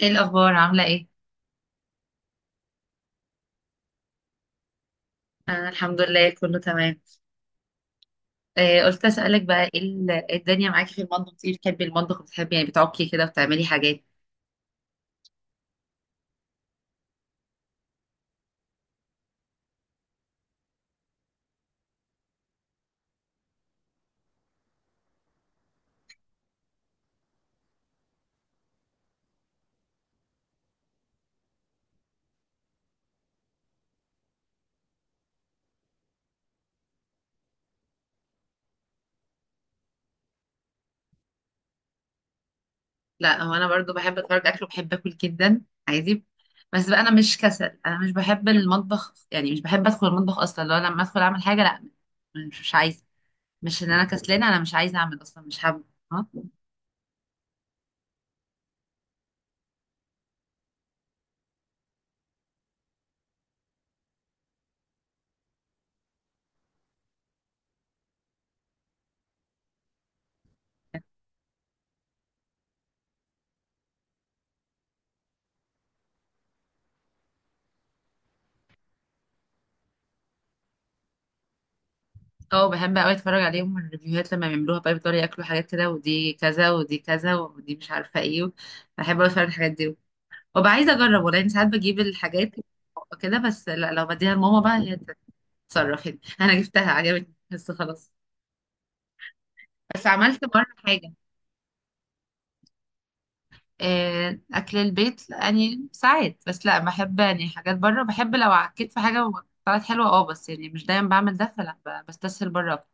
ايه الاخبار عامله ايه؟ انا الحمد لله كله تمام. قلت اسالك بقى ايه الدنيا معاكي في المطبخ، ايه بتحبي المطبخ، بتحبي يعني بتعكي كده وبتعملي حاجات؟ لا، هو انا برضو بحب اتفرج اكل وبحب اكل جدا، عادي. بس بقى انا مش كسل، انا مش بحب المطبخ، يعني مش بحب ادخل المطبخ اصلا، لو لما ادخل اعمل حاجه، لا. مش عايزه. مش ان انا كسلانه، انا مش عايزه اعمل اصلا، مش حابه. اه. أه، بحب قوي اتفرج عليهم الريفيوهات لما بيعملوها بقى، بيفضلوا ياكلوا حاجات كده، ودي كذا ودي كذا ودي مش عارفه ايه. بحب أوي اتفرج على الحاجات دي. وابقى عايزه اجرب والله، يعني ساعات بجيب الحاجات كده، بس لا لو بديها لماما بقى هي تتصرف هنا. انا جبتها عجبتني بس خلاص. بس عملت مره حاجه. آه، اكل البيت يعني ساعات، بس لا بحب يعني حاجات بره، بحب لو عكيت في حاجه طلعت حلوه، بس يعني مش دايما بعمل ده، فلا بستسهل بره أكتر.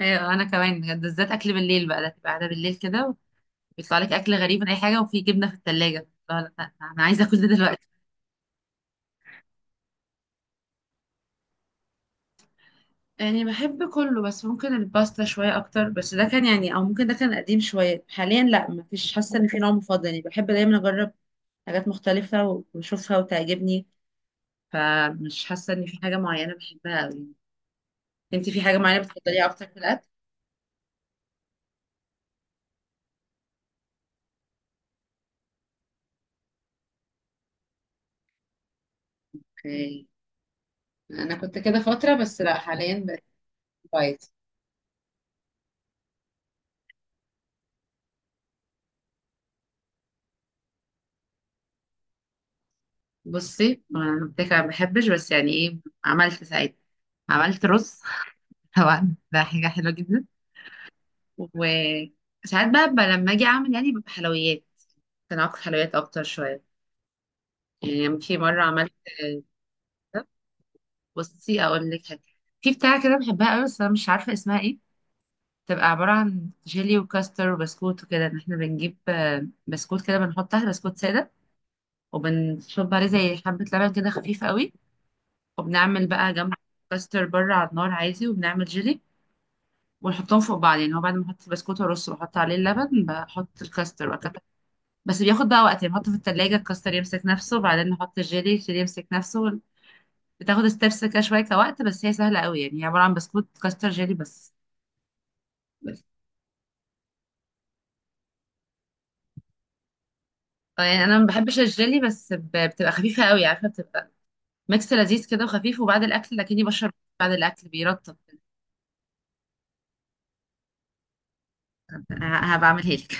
ايوه انا كمان بجد، بالذات اكل بالليل بقى، ده تبقى قاعده بالليل كده ويطلع لك اكل غريب من اي حاجه، وفي جبنه في الثلاجه، لا لا لا، انا عايزه اكل ده دلوقتي. يعني بحب كله، بس ممكن الباستا شوية أكتر، بس ده كان يعني، أو ممكن ده كان قديم شوية، حاليا لأ مفيش، حاسة إن في نوع مفضل، يعني بحب دايما أجرب حاجات مختلفة وأشوفها وتعجبني. فمش حاسة إن في حاجة معينة بحبها أوي. أنت في حاجة معينة بتفضليها أكتر في الأكل؟ اوكي. انا كنت كده فتره، بس لا حاليا بقيت دايت. بصي أنا قلت لك أنا ما بحبش، بس يعني إيه، عملت ساعتها، عملت رز. طبعا ده حاجة حلوة جدا. وساعات بقى، بقى لما اجي اعمل يعني ببقى حلويات، كان علاقة حلويات اكتر شويه. يعني في مره عملت كده، بصي اقول لك حاجه، في بتاعه كده بحبها قوي بس انا مش عارفه اسمها ايه، تبقى عباره عن جيلي وكاستر وبسكوت وكده، ان احنا بنجيب، بسكوت كده بنحط تحت بسكوت ساده، وبنصب عليه زي حبه لبن كده خفيف قوي، وبنعمل بقى جنب كاستر بره على النار عادي، وبنعمل جيلي ونحطهم فوق بعض، يعني هو بعد ما احط البسكوت وارص واحط عليه اللبن بحط الكاستر. بس بياخد بقى وقت، يعني بحطه في التلاجة، الكاستر يمسك نفسه بعدين نحط الجيلي، الجيلي يمسك نفسه، بتاخد ستيبس كده شوية كوقت، بس هي سهلة قوي، يعني هي عبارة عن بسكوت كاستر جيلي بس. بس. آه، يعني انا ما بحبش الجيلي، بس بتبقى خفيفة قوي، عارفة، بتبقى ميكس لذيذ كده وخفيف، وبعد الاكل لكني بشرب، بعد الاكل بيرطب. هبعملها لك.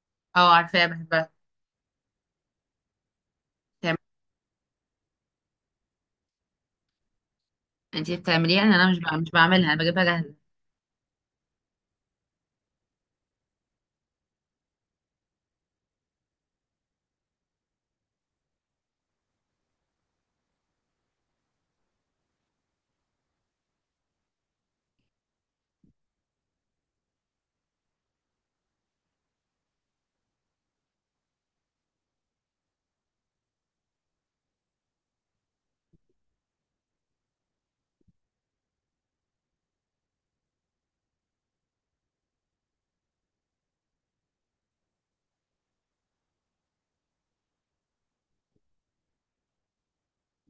اه عارفاها، بحبها. بتعمل- انتي بتعمليها؟ انا مش مش بعملها، انا بجيبها جاهزة.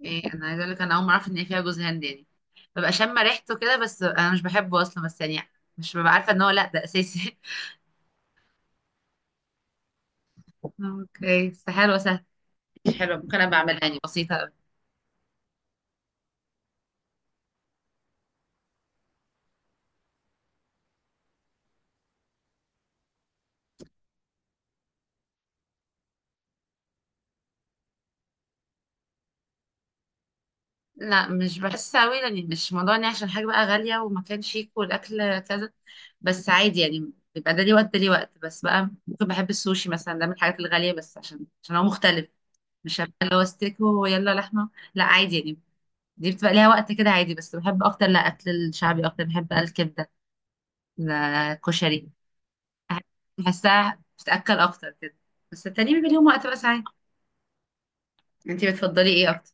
ايه انا عايزة اقول لك، انا اول ما اعرف ان هي فيها جوز هند، يعني ببقى شامة ريحته كده، بس انا مش بحبه اصلا، بس يعني مش ببقى عارفه ان هو لا ده اساسي. اوكي، بس حلوة سهلة، مش حلوة، ممكن أبقى أعملها يعني، بسيطة أوي. لا، مش بحس أوي، يعني مش موضوع إني عشان حاجة بقى غالية ومكان شيك والأكل كذا، بس عادي يعني، بيبقى ده ليه وقت ده ليه وقت، بس بقى ممكن بحب السوشي مثلا، ده من الحاجات الغالية، بس عشان هو مختلف. مش هبقى اللي هو ستيك ويلا لحمة، لا عادي يعني، دي بتبقى ليها وقت كده عادي. بس بحب أكتر لا أكل الشعبي أكتر، بحب الكبدة، لا كشري، بحسها بتتأكل أكتر كده. بس التاني بيبقى ليهم وقت بقى ساعات. انتي بتفضلي ايه أكتر؟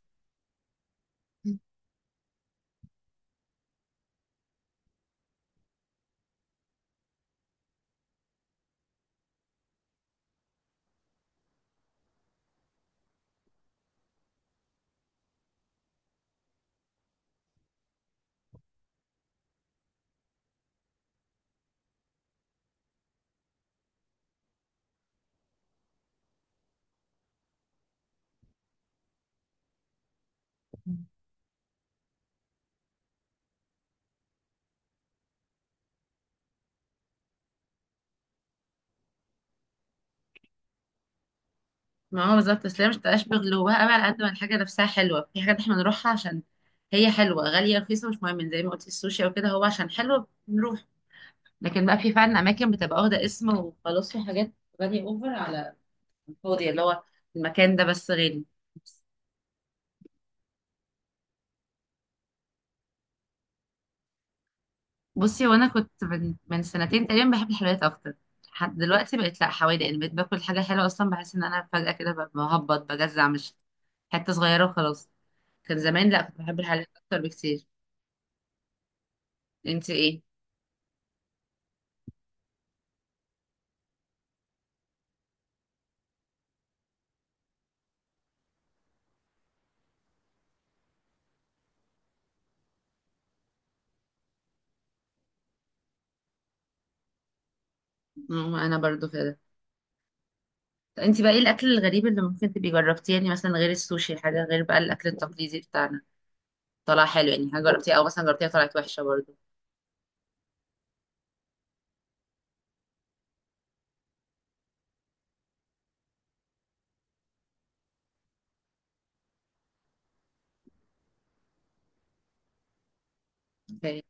ما هو بالظبط، بس هي مش تبقاش بغلوها قوي على قد ما الحاجه نفسها حلوه، في حاجات احنا بنروحها عشان هي حلوه، غاليه رخيصه مش مهم، زي ما قلت السوشي او كده، هو عشان حلو بنروح. لكن بقى في فعلا اماكن بتبقى واخده اسم وخلاص، في حاجات غاليه اوفر على الفاضي، اللي هو المكان ده بس غالي. بصي وانا كنت من سنتين تقريبا بحب الحلويات اكتر، لحد دلوقتي بقيت لا حوادق، ان بقيت باكل حاجه حلوه اصلا بحس ان انا فجاه كده ببقى مهبط بجزع، مش حته صغيره وخلاص. كان زمان لا كنت بحب الحلويات اكتر بكتير. انت ايه؟ مم، انا برضو كده. طب انت بقى ايه الاكل الغريب اللي ممكن تبقي جربتيه، يعني مثلا غير السوشي، حاجه غير بقى الاكل التقليدي بتاعنا، طلع حلو يعني، حاجه جربتيها او مثلا جربتيها طلعت وحشه برضو. اوكي.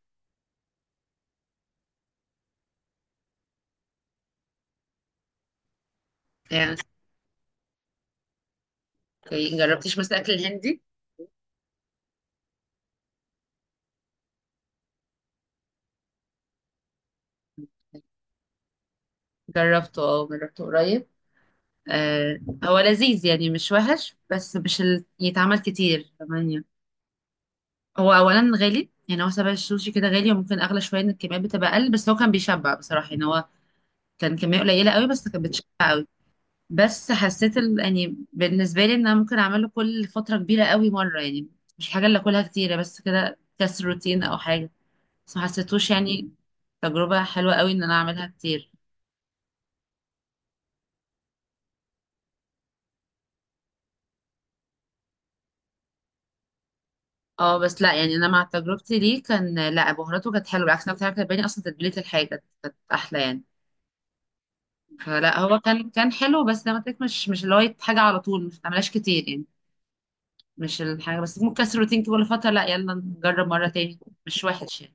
يعني اوكي، جربتيش مثلا الاكل الهندي؟ جربته قريب. آه، هو لذيذ يعني، مش وحش، بس مش يتعمل كتير كمان يعني. هو اولا غالي، يعني هو سبع السوشي كده غالي، وممكن اغلى شويه ان الكميات بتبقى اقل، بس هو كان بيشبع بصراحه، يعني هو كان كميه قليله قوي بس كانت بتشبع. بس حسيت يعني بالنسبه لي ان انا ممكن اعمله كل فتره كبيره قوي مره، يعني مش حاجه اللي اكلها كتيره، بس كده كسر روتين او حاجه، بس ما حسيتوش يعني تجربه حلوه قوي ان انا اعملها كتير. اه بس لا يعني، انا مع تجربتي ليه كان لا، بهاراته كانت حلوه بالعكس، انا كنت عارفة كانت اصلا تتبيله الحاجه، كانت احلى يعني. فلا هو كان حلو، بس زي ما قلت لك مش اللي هو حاجه على طول مش بتعملهاش كتير يعني، مش الحاجه، بس ممكن كسر روتين كل فتره، لا يلا نجرب مره تاني، مش وحش يعني.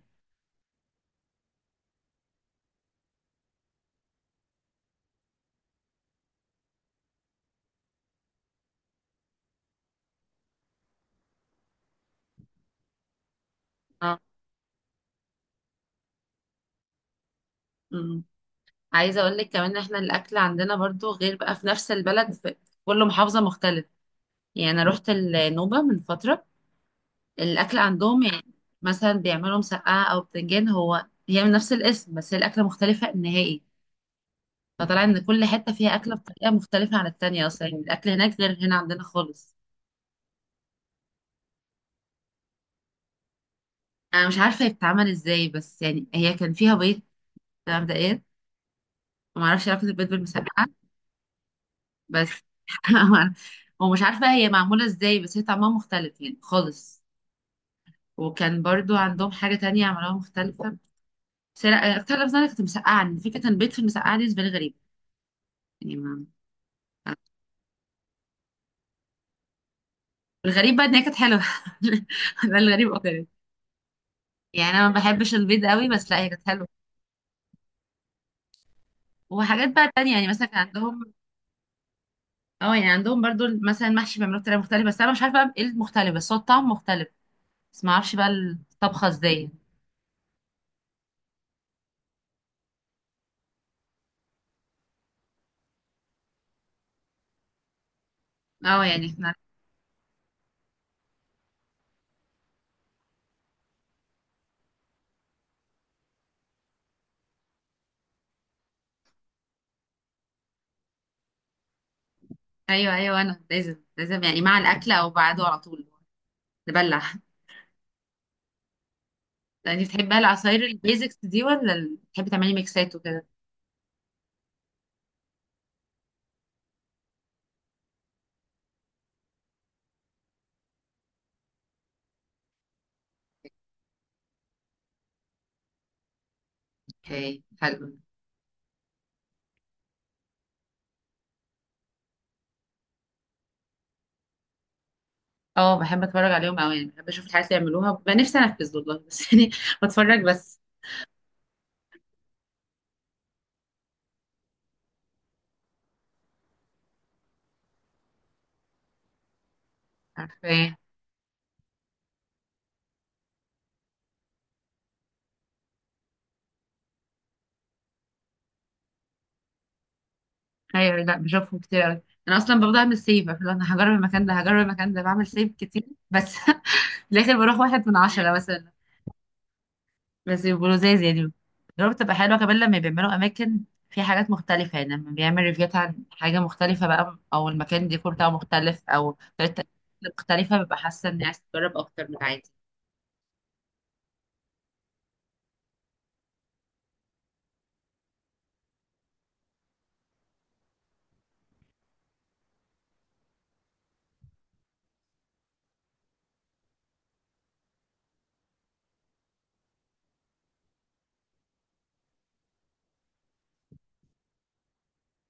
اه عايزه اقول لك كمان، ان احنا الاكل عندنا برضو غير بقى، في نفس البلد في كل محافظه مختلف، يعني انا رحت النوبه من فتره، الاكل عندهم يعني مثلا بيعملوا مسقعه او بتنجان، هو هي من نفس الاسم بس هي الاكله مختلفه نهائي، فطلع ان كل حته فيها اكله بطريقه مختلفه عن التانيه اصلا، يعني الاكل هناك غير هنا عندنا خالص. انا مش عارفه هي بتتعمل ازاي، بس يعني هي كان فيها بيض مبدئيا، ما اعرفش علاقه البيض بالمسقعه، بس. ومش عارفه هي معموله ازاي، بس هي طعمها مختلف يعني خالص. وكان برضو عندهم حاجة تانية عملوها مختلفة، سرق اكتر لفظة أنا كنت مسقعة، إن في كانت بيت في المسقعة دي، بالنسبة لي غريب يعني ما... الغريب بقى إن هي كانت حلوة. ده الغريب أكتر. يعني أنا ما بحبش البيض قوي بس لا هي كانت حلوة. وحاجات بقى تانية يعني مثلا كان عندهم، اه يعني عندهم برضو مثلا المحشي بيعملوه بطريقة مختلفة، بس أنا مش عارفة بقى إيه المختلف، بس هو الطعم مختلف، بس ما أعرفش بقى الطبخة إزاي. اه يعني احنا. أيوه أيوه، أنا لازم لازم يعني مع الأكل أو بعده على طول نبلع. لا انت بتحبها العصاير البيزكس دي، ولا بتحبي تعملي ميكسات وكده؟ اوكي حلو. اه بحب اتفرج عليهم قوي، يعني بحب اشوف الحاجات اللي يعملوها، ببقى نفسي انفذ والله بس. يعني بتفرج بس. عارفه ايه. ايوه لا بشوفهم كتير قوي. انا اصلا ببدا اعمل سيف، أقول انا هجرب المكان ده هجرب المكان ده، بعمل سيف كتير بس. في الاخر بروح واحد من عشرة مثلا، بس يبقوا لزاز يعني. الريفيو بتبقى حلوة كمان لما بيعملوا أماكن في حاجات مختلفة، يعني لما بيعمل ريفيوات عن حاجة مختلفة بقى، أو المكان ديكور بتاعه مختلف، أو طريقة التقديم مختلفة، ببقى حاسة إني عايز أجرب أكتر من عادي.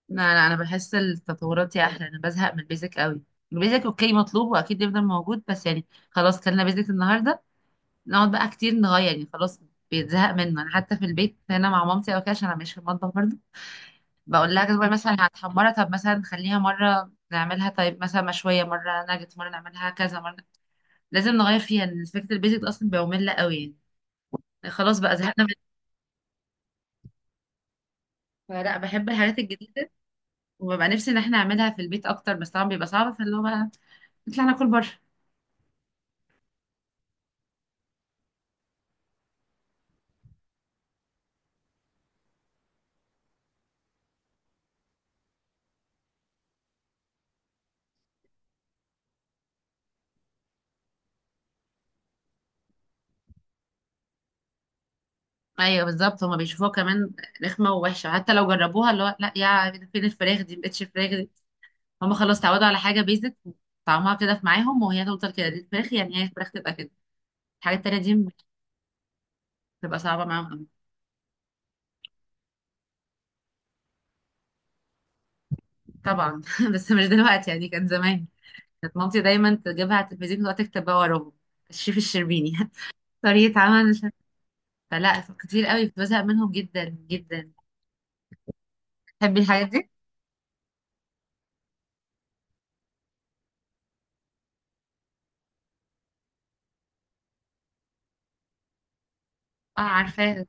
لا لا، أنا بحس التطورات دي أحلى، أنا بزهق من البيزك قوي، البيزك أوكي مطلوب وأكيد يفضل موجود، بس يعني خلاص كلنا بيزك النهاردة، نقعد بقى كتير نغير يعني، خلاص بيتزهق منه. أنا حتى في البيت هنا مع مامتي أو كده عشان أنا مش في المطبخ برضه، بقول لها بقول مثلا هتحمرها، طب مثلا نخليها مرة نعملها، طيب مثلا مشوية مرة، ناجت مرة، نعملها كذا مرة، لازم نغير فيها لأن فكرة البيزك ده أصلا بقى مملة قوي يعني، يعني خلاص بقى زهقنا من، فلا بحب الحاجات الجديدة وببقى نفسي إن احنا نعملها في البيت أكتر، بس طبعا بيبقى صعب، فاللي هو بقى نطلع ناكل بره. أيوه بالظبط هما بيشوفوها كمان رخمة ووحشة، حتى لو جربوها اللي هو لا يا، ده فين الفراخ دي مبقتش فراخ دي، هما خلاص اتعودوا على حاجة بيزك طعمها كده، في معاهم وهي تفضل كده، دي الفراخ يعني، هي الفراخ تبقى كده، الحاجات التانية دي بتبقى صعبة معاهم. طبعا. بس مش دلوقتي يعني، كانت زمان، كانت مامتي دايما تجيبها على التلفزيون وتقعد تكتب بقى وراهم الشيف الشربيني. طريقة عمل مش عارفة. فلا كتير قوي كنت بزهق منهم جدا جدا. تحبي الحاجات دي؟ اه عارفاها.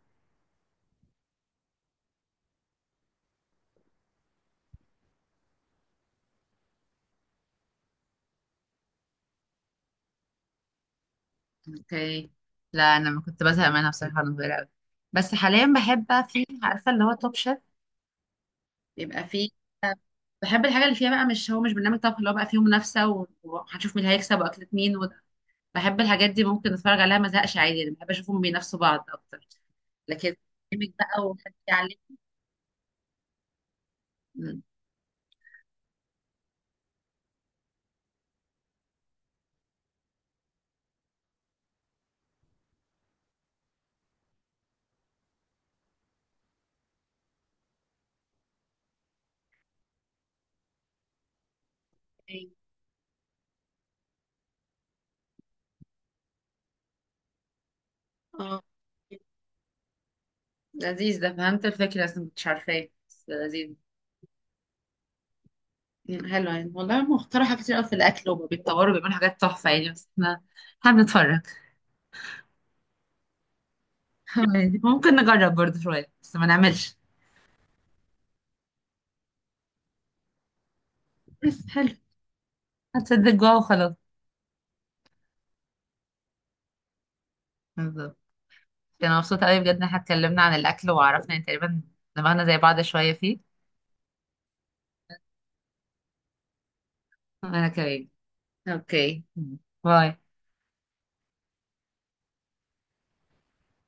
اوكي. لا انا ما كنت بزهق منها بصراحة وانا صغيرة قوي، بس حاليا بحب بقى، في عارفة اللي هو توب شيف، بيبقى فيه، بحب الحاجة اللي فيها بقى، مش هو مش برنامج طبخ اللي هو بقى فيه منافسة وهنشوف مين اللي هيكسب واكلة مين، بحب الحاجات دي ممكن اتفرج عليها ما ازهقش عادي، انا بحب اشوفهم بينافسوا بعض اكتر، لكن برنامج بقى وحد يعلم. مم. اه لذيذ، ده فهمت الفكرة بس ما كنتش عارفاه، بس لذيذ. مم، حلو يعني والله، هم اخترعوا حاجات كتير قوي في الاكل وبيتطوروا، بيعملوا حاجات تحفه يعني، بس احنا هنتفرج، يعني ممكن نجرب برضه شويه بس ما نعملش. بس حلو. هتصدق جوا وخلاص. بالظبط. انا مبسوطه قوي بجد ان احنا اتكلمنا عن الاكل، وعرفنا يعني تقريبا دماغنا زي بعض شويه فيه. انا كمان. اوكي. باي.